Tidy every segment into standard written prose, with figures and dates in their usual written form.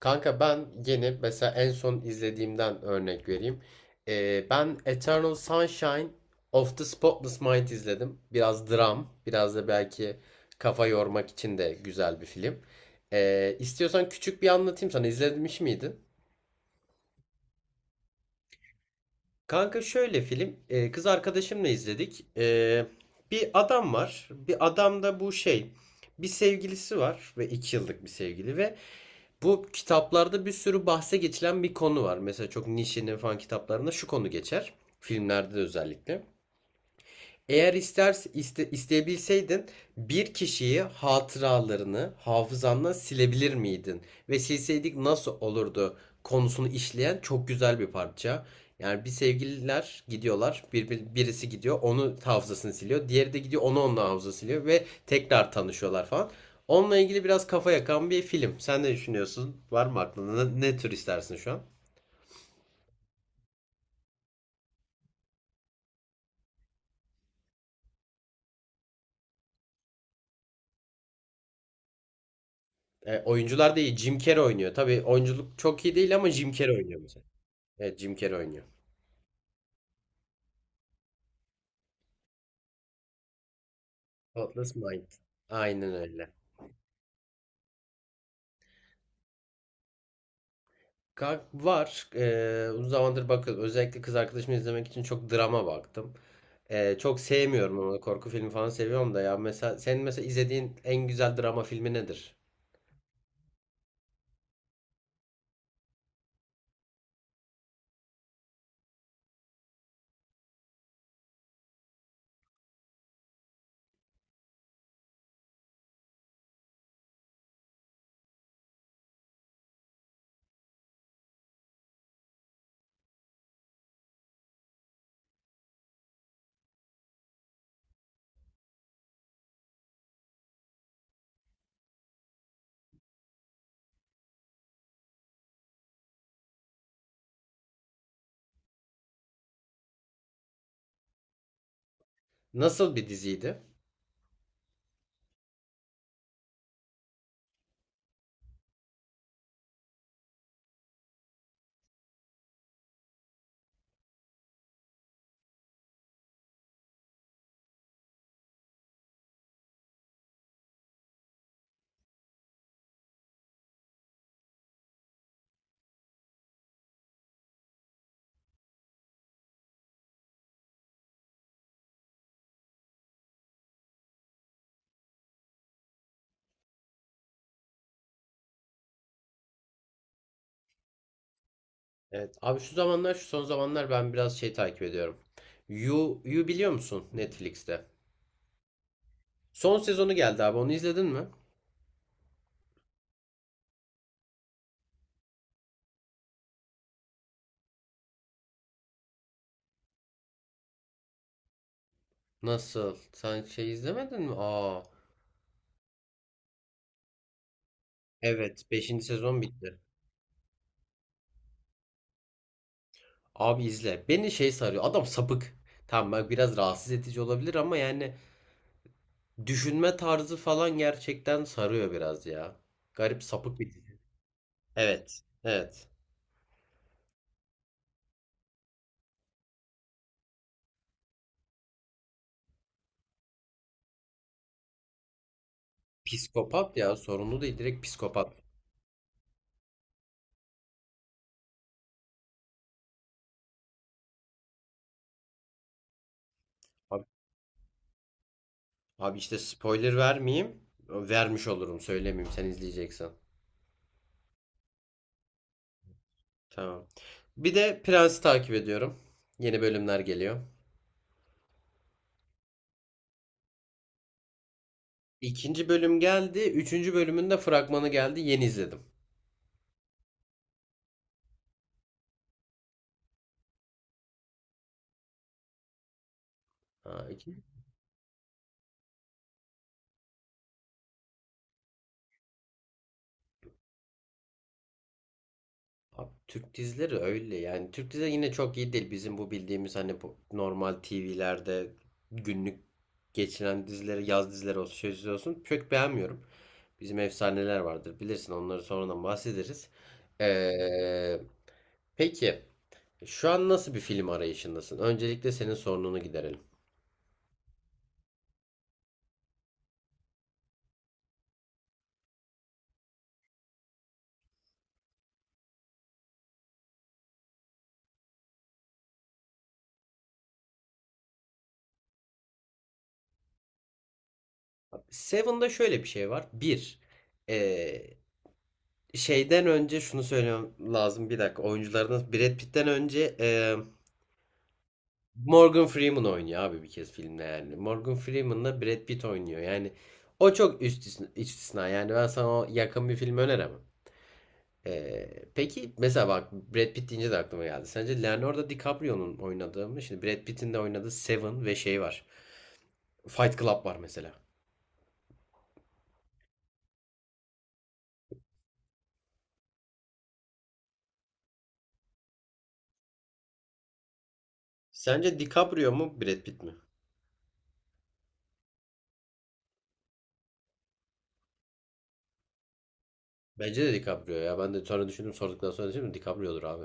Kanka ben yeni mesela en son izlediğimden örnek vereyim. Ben Eternal Sunshine of the Spotless Mind izledim. Biraz dram, biraz da belki kafa yormak için de güzel bir film. İstiyorsan küçük bir anlatayım sana. İzlemiş miydin? Kanka şöyle film, kız arkadaşımla izledik. Bir adam var. Bir adam da bu şey, bir sevgilisi var ve iki yıllık bir sevgili ve bu kitaplarda bir sürü bahse geçilen bir konu var. Mesela çok Nietzsche'nin falan kitaplarında şu konu geçer. Filmlerde de özellikle. Eğer isteyebilseydin bir kişiyi hatıralarını hafızandan silebilir miydin? Ve silseydik nasıl olurdu konusunu işleyen çok güzel bir parça. Yani bir sevgililer gidiyorlar, birisi gidiyor, onu hafızasını siliyor, diğeri de gidiyor, onu onun hafızasını siliyor ve tekrar tanışıyorlar falan. Onunla ilgili biraz kafa yakan bir film. Sen ne düşünüyorsun? Var mı aklında? Ne tür istersin şu an? Oyuncular da iyi. Jim Carrey oynuyor. Tabii oyunculuk çok iyi değil ama Jim Carrey oynuyor mesela. Evet, Jim Carrey oynuyor. Atlas Mind. Aynen öyle. Var. Uzun zamandır bakın özellikle kız arkadaşımı izlemek için çok drama baktım. Çok sevmiyorum ama korku filmi falan seviyorum da ya mesela senin mesela izlediğin en güzel drama filmi nedir? Nasıl bir diziydi? Evet. Abi şu zamanlar şu son zamanlar ben biraz şey takip ediyorum. You, You biliyor musun Netflix'te? Son sezonu geldi abi onu izledin mi? Nasıl? Sen şey izlemedin mi? Aa, evet beşinci sezon bitti. Abi izle. Beni şey sarıyor. Adam sapık. Tamam bak biraz rahatsız edici olabilir ama yani düşünme tarzı falan gerçekten sarıyor biraz ya. Garip sapık bir dizi. Evet. Evet. Psikopat ya sorunlu değil direkt psikopat. Abi, abi, işte spoiler vermeyeyim. Vermiş olurum söylemeyeyim sen izleyeceksen. Tamam. Bir de Prens'i takip ediyorum. Yeni bölümler geliyor. İkinci bölüm geldi. Üçüncü bölümün de fragmanı geldi. Yeni izledim. Ha, ikinci Abi, Türk dizileri öyle yani Türk dizileri yine çok iyi değil bizim bu bildiğimiz hani bu normal TV'lerde günlük geçilen dizileri yaz dizileri olsun şey dizileri olsun çok beğenmiyorum. Bizim efsaneler vardır bilirsin onları sonradan bahsederiz. Ee, peki şu an nasıl bir film arayışındasın? Öncelikle senin sorununu giderelim. Seven'da şöyle bir şey var. Ee, Şeyden önce şunu söylemem lazım bir dakika oyunculardan Brad Pitt'ten önce Morgan Freeman oynuyor abi bir kez filmde yani. Morgan Freeman'la Brad Pitt oynuyor. Yani o çok üst istisna. Yani ben sana o yakın bir film öneremem. Peki mesela bak Brad Pitt deyince de aklıma geldi. Sence Leonardo DiCaprio'nun oynadığı mı? Şimdi Brad Pitt'in de oynadığı Seven ve şey var. Fight Club var mesela. Sence DiCaprio mu Brad Pitt mi? Bence de DiCaprio ya. Ben de sonra düşündüm sorduktan sonra düşündüm DiCaprio'dur abi.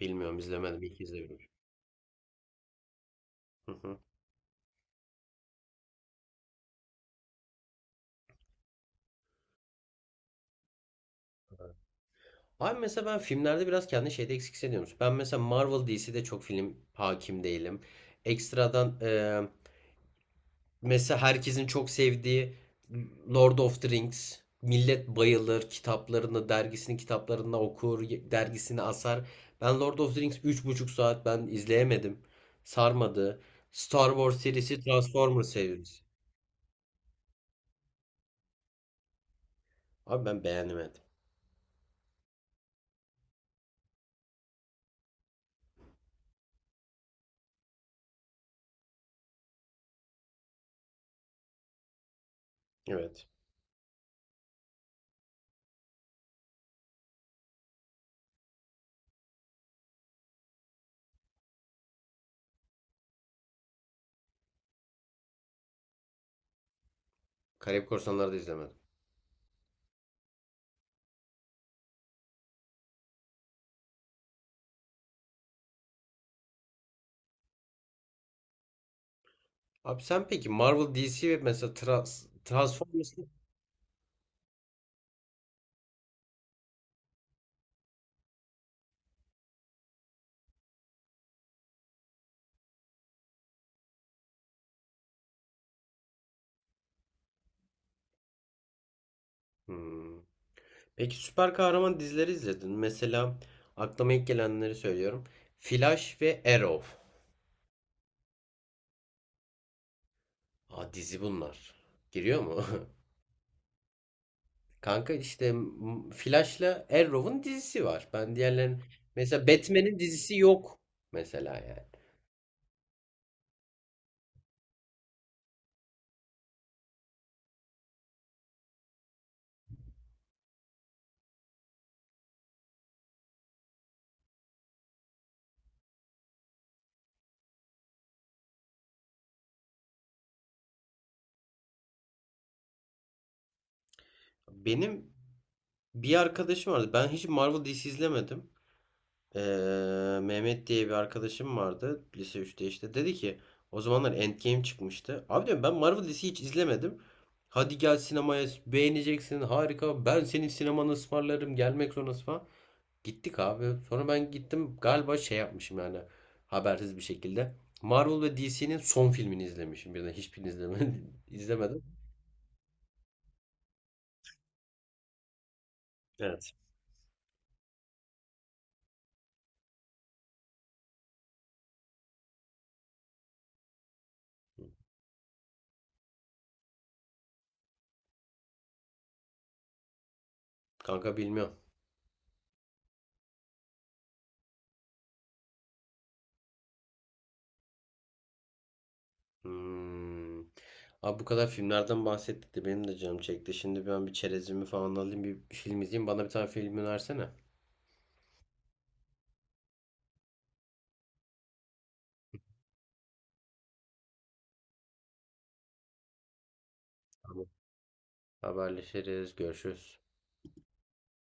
Bilmiyorum izlemedim. İlk izleyebilirim. Abi mesela ben filmlerde biraz kendi şeyde eksik hissediyorum. Ben mesela Marvel DC'de çok film hakim değilim. Ekstradan mesela herkesin çok sevdiği Lord of the Rings. Millet bayılır kitaplarını, dergisinin kitaplarını okur, dergisini asar. Ben Lord of the Rings üç buçuk saat ben izleyemedim. Sarmadı. Star Wars serisi, Transformers serisi. Abi ben beğenemedim. Evet. Karayip Korsanları da izlemedim. Abi sen peki Marvel, DC ve mesela Transformers. Hmm. Peki süper kahraman dizileri izledin mi? Mesela aklıma ilk gelenleri söylüyorum. Flash ve Arrow. Aa, dizi bunlar. Giriyor mu? Kanka işte Flash'la Arrow'un dizisi var. Ben diğerlerin mesela Batman'in dizisi yok mesela yani. Benim bir arkadaşım vardı. Ben hiç Marvel dizisi izlemedim. Mehmet diye bir arkadaşım vardı lise 3'te işte dedi ki o zamanlar Endgame çıkmıştı. Abi diyorum ben Marvel dizisi hiç izlemedim. Hadi gel sinemaya beğeneceksin harika ben senin sinemanı ısmarlarım gelmek zorundasın falan. Gittik abi. Sonra ben gittim galiba şey yapmışım yani habersiz bir şekilde. Marvel ve DC'nin son filmini izlemişim birden hiçbirini izleme, izlemedim. Evet. Kanka bilmiyorum. Hmm. Abi bu kadar filmlerden bahsettik de benim de canım çekti. Şimdi ben bir çerezimi falan alayım bir film izleyeyim. Bana bir tane film önersene. Tamam. Haberleşiriz. Görüşürüz.